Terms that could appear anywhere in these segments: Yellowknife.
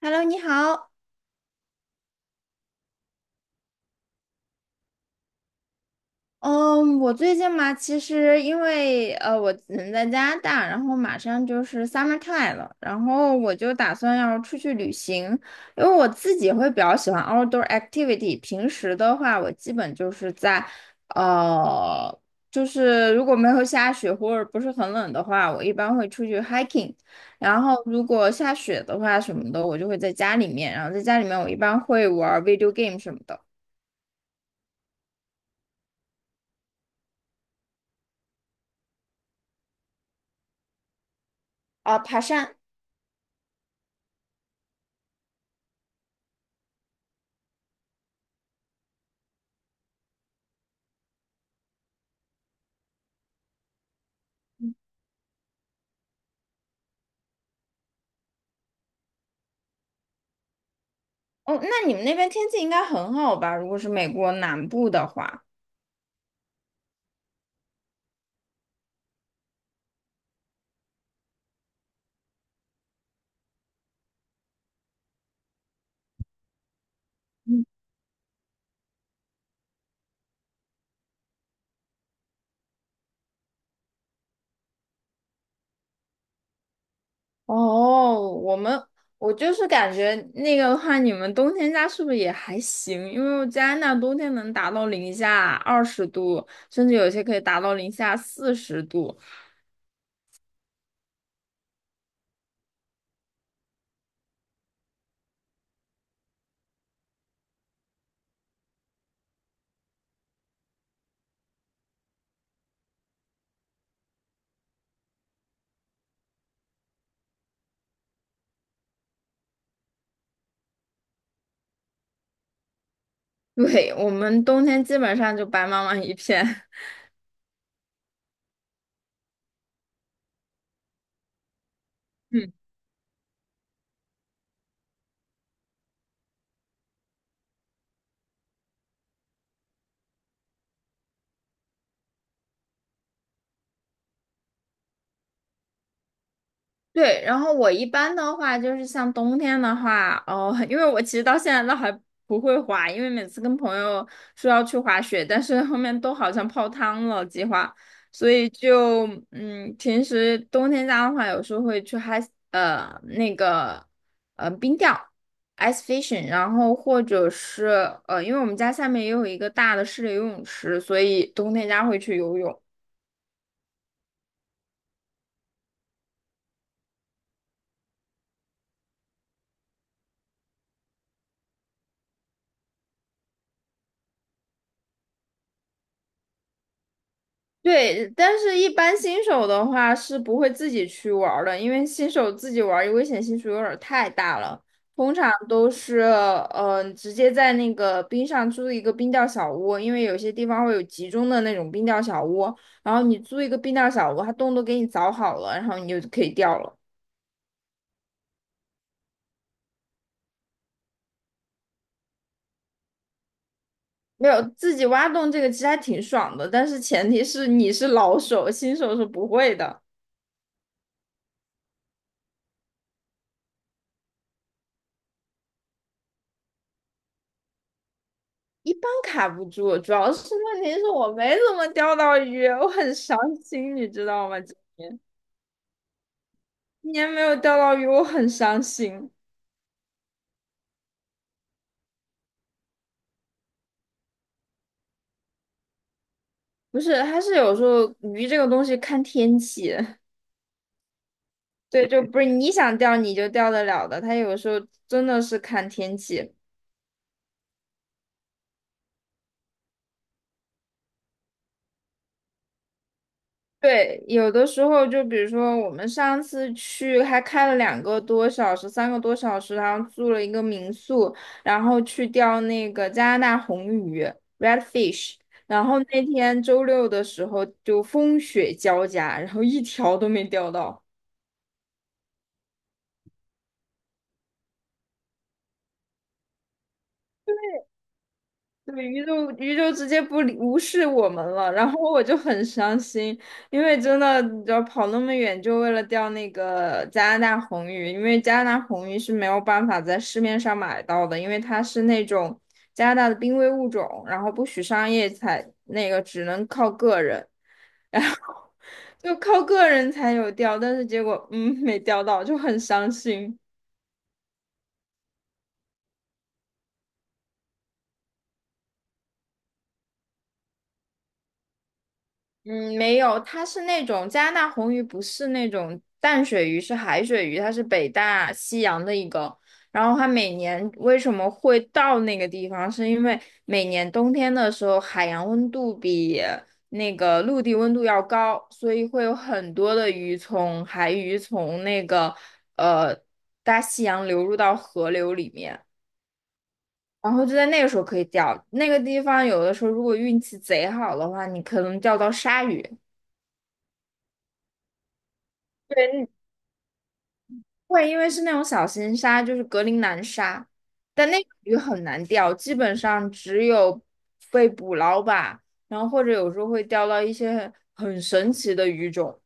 Hello，你好。嗯，我最近嘛，其实因为我人在加拿大，然后马上就是 summertime 了，然后我就打算要出去旅行，因为我自己会比较喜欢 outdoor activity。平时的话，我基本就是在呃，就是如果没有下雪或者不是很冷的话，我一般会出去 hiking。然后如果下雪的话什么的，我就会在家里面，然后在家里面我一般会玩 video game 什么的。啊，爬山。哦，那你们那边天气应该很好吧？如果是美国南部的话。嗯。哦，我就是感觉那个的话，你们冬天家是不是也还行？因为加拿大冬天能达到零下20度，甚至有些可以达到零下40度。对，我们冬天基本上就白茫茫一片。对，然后我一般的话就是像冬天的话，哦，因为我其实到现在都还不会滑，因为每次跟朋友说要去滑雪，但是后面都好像泡汤了计划，所以就平时冬天家的话，有时候会去 ice 那个冰钓 ice fishing，然后或者是因为我们家下面也有一个大的室内游泳池，所以冬天家会去游泳。对，但是一般新手的话是不会自己去玩儿的，因为新手自己玩儿危险系数有点儿太大了。通常都是直接在那个冰上租一个冰钓小屋，因为有些地方会有集中的那种冰钓小屋，然后你租一个冰钓小屋，它洞都给你凿好了，然后你就可以钓了。没有，自己挖洞这个其实还挺爽的，但是前提是你是老手，新手是不会的。一般卡不住，主要是问题是我没怎么钓到鱼，我很伤心，你知道吗？今年没有钓到鱼，我很伤心。不是，它是有时候鱼这个东西看天气，对，就不是你想钓你就钓得了的，它有时候真的是看天气。对，有的时候就比如说我们上次去还开了2个多小时、3个多小时，然后住了一个民宿，然后去钓那个加拿大红鱼（ （redfish）。然后那天周六的时候就风雪交加，然后一条都没钓到。对，鱼就鱼就直接不理无视我们了，然后我就很伤心，因为真的，你知道跑那么远就为了钓那个加拿大红鱼，因为加拿大红鱼是没有办法在市面上买到的，因为它是那种加拿大的濒危物种，然后不许商业采，那个只能靠个人，就靠个人才有钓，但是结果没钓到，就很伤心。嗯，没有，它是那种加拿大红鱼，不是那种淡水鱼，是海水鱼，它是北大西洋的一个。然后它每年为什么会到那个地方，是因为每年冬天的时候，海洋温度比那个陆地温度要高，所以会有很多的鱼从海鱼从那个呃大西洋流入到河流里面。然后就在那个时候可以钓，那个地方有的时候如果运气贼好的话，你可能钓到鲨鱼。会，因为是那种小型鲨，就是格陵兰鲨，但那个鱼很难钓，基本上只有被捕捞吧，然后或者有时候会钓到一些很神奇的鱼种。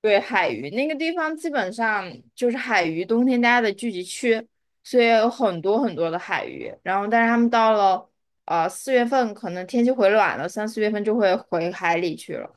对，海鱼那个地方基本上就是海鱼冬天大家的聚集区，所以有很多很多的海鱼。然后，但是他们到了四月份，可能天气回暖了，3、4月份就会回海里去了。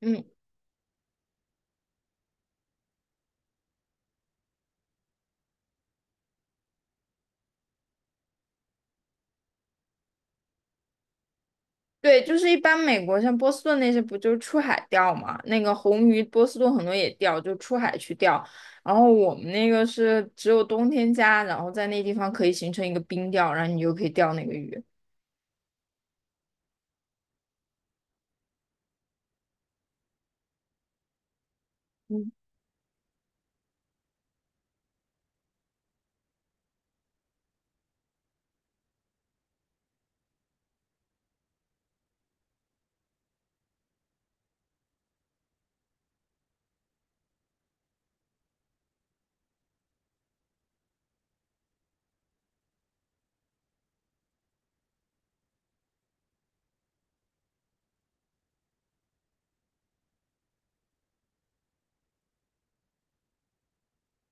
嗯。对，就是一般美国像波士顿那些不就是出海钓嘛？那个红鱼，波士顿很多也钓，就出海去钓。然后我们那个是只有冬天加，然后在那地方可以形成一个冰钓，然后你就可以钓那个鱼。嗯。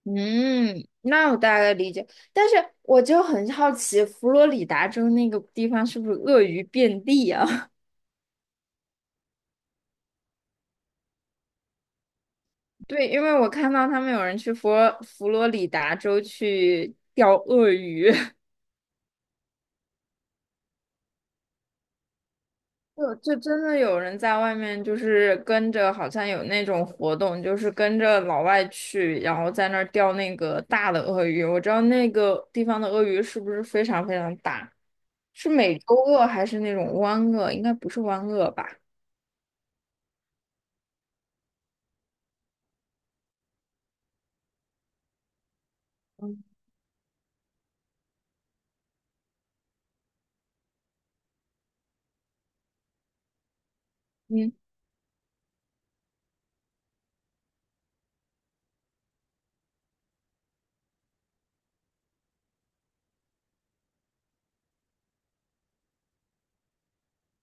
嗯，那我大概理解。但是我就很好奇，佛罗里达州那个地方是不是鳄鱼遍地啊？对，因为我看到他们有人去佛罗里达州去钓鳄鱼。就真的有人在外面，就是跟着，好像有那种活动，就是跟着老外去，然后在那儿钓那个大的鳄鱼。我知道那个地方的鳄鱼是不是非常非常大？是美洲鳄还是那种湾鳄？应该不是湾鳄吧？嗯。嗯，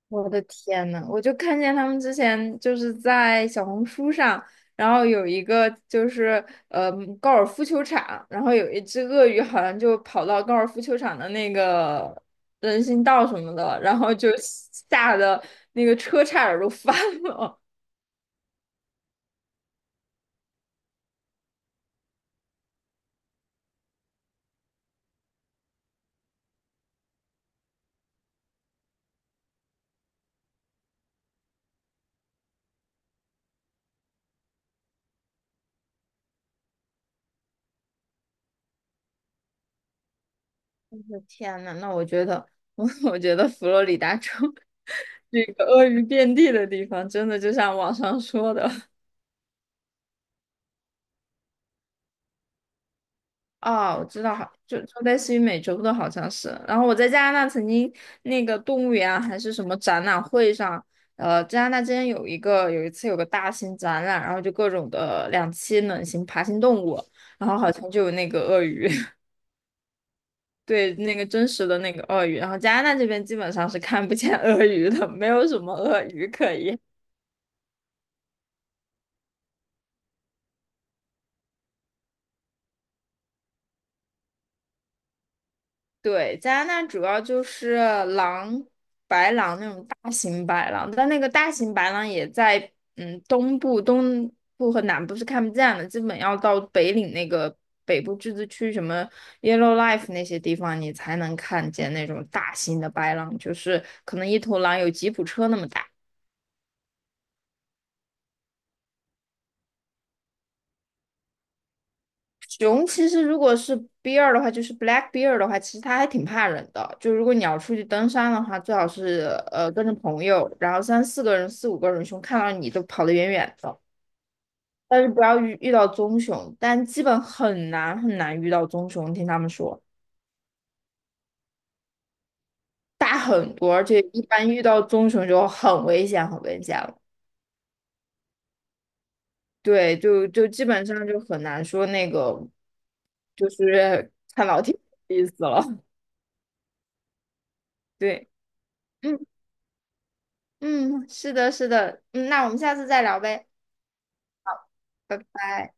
我的天呐，我就看见他们之前就是在小红书上，然后有一个就是呃高尔夫球场，然后有一只鳄鱼好像就跑到高尔夫球场的那个人行道什么的，然后就吓得那个车差点儿都翻了。我的天呐，那我我觉得佛罗里达州 这个鳄鱼遍地的地方，真的就像网上说的。哦，我知道，好，就类似于美洲的，好像是。然后我在加拿大曾经那个动物园啊还是什么展览会上，加拿大之前有一次有个大型展览，然后就各种的两栖冷型爬行动物，然后好像就有那个鳄鱼，对，那个真实的那个鳄鱼。然后加拿大这边基本上是看不见鳄鱼的，没有什么鳄鱼可言。对，加拿大主要就是狼、白狼那种大型白狼，但那个大型白狼也在东部、东部和南部是看不见的，基本要到北领那个北部自治区什么 Yellowknife 那些地方，你才能看见那种大型的白狼，就是可能一头狼有吉普车那么大。熊其实如果是 bear 的话，就是 black bear 的话，其实它还挺怕人的。就如果你要出去登山的话，最好是跟着朋友，然后三四个人、四五个人熊看到你都跑得远远的。但是不要遇到棕熊，但基本很难很难遇到棕熊，听他们说大很多，而且一般遇到棕熊就很危险，很危险了。对，就基本上就很难说那个，就是看老天的意思了。对。嗯，是的，是的，嗯，那我们下次再聊呗，拜拜。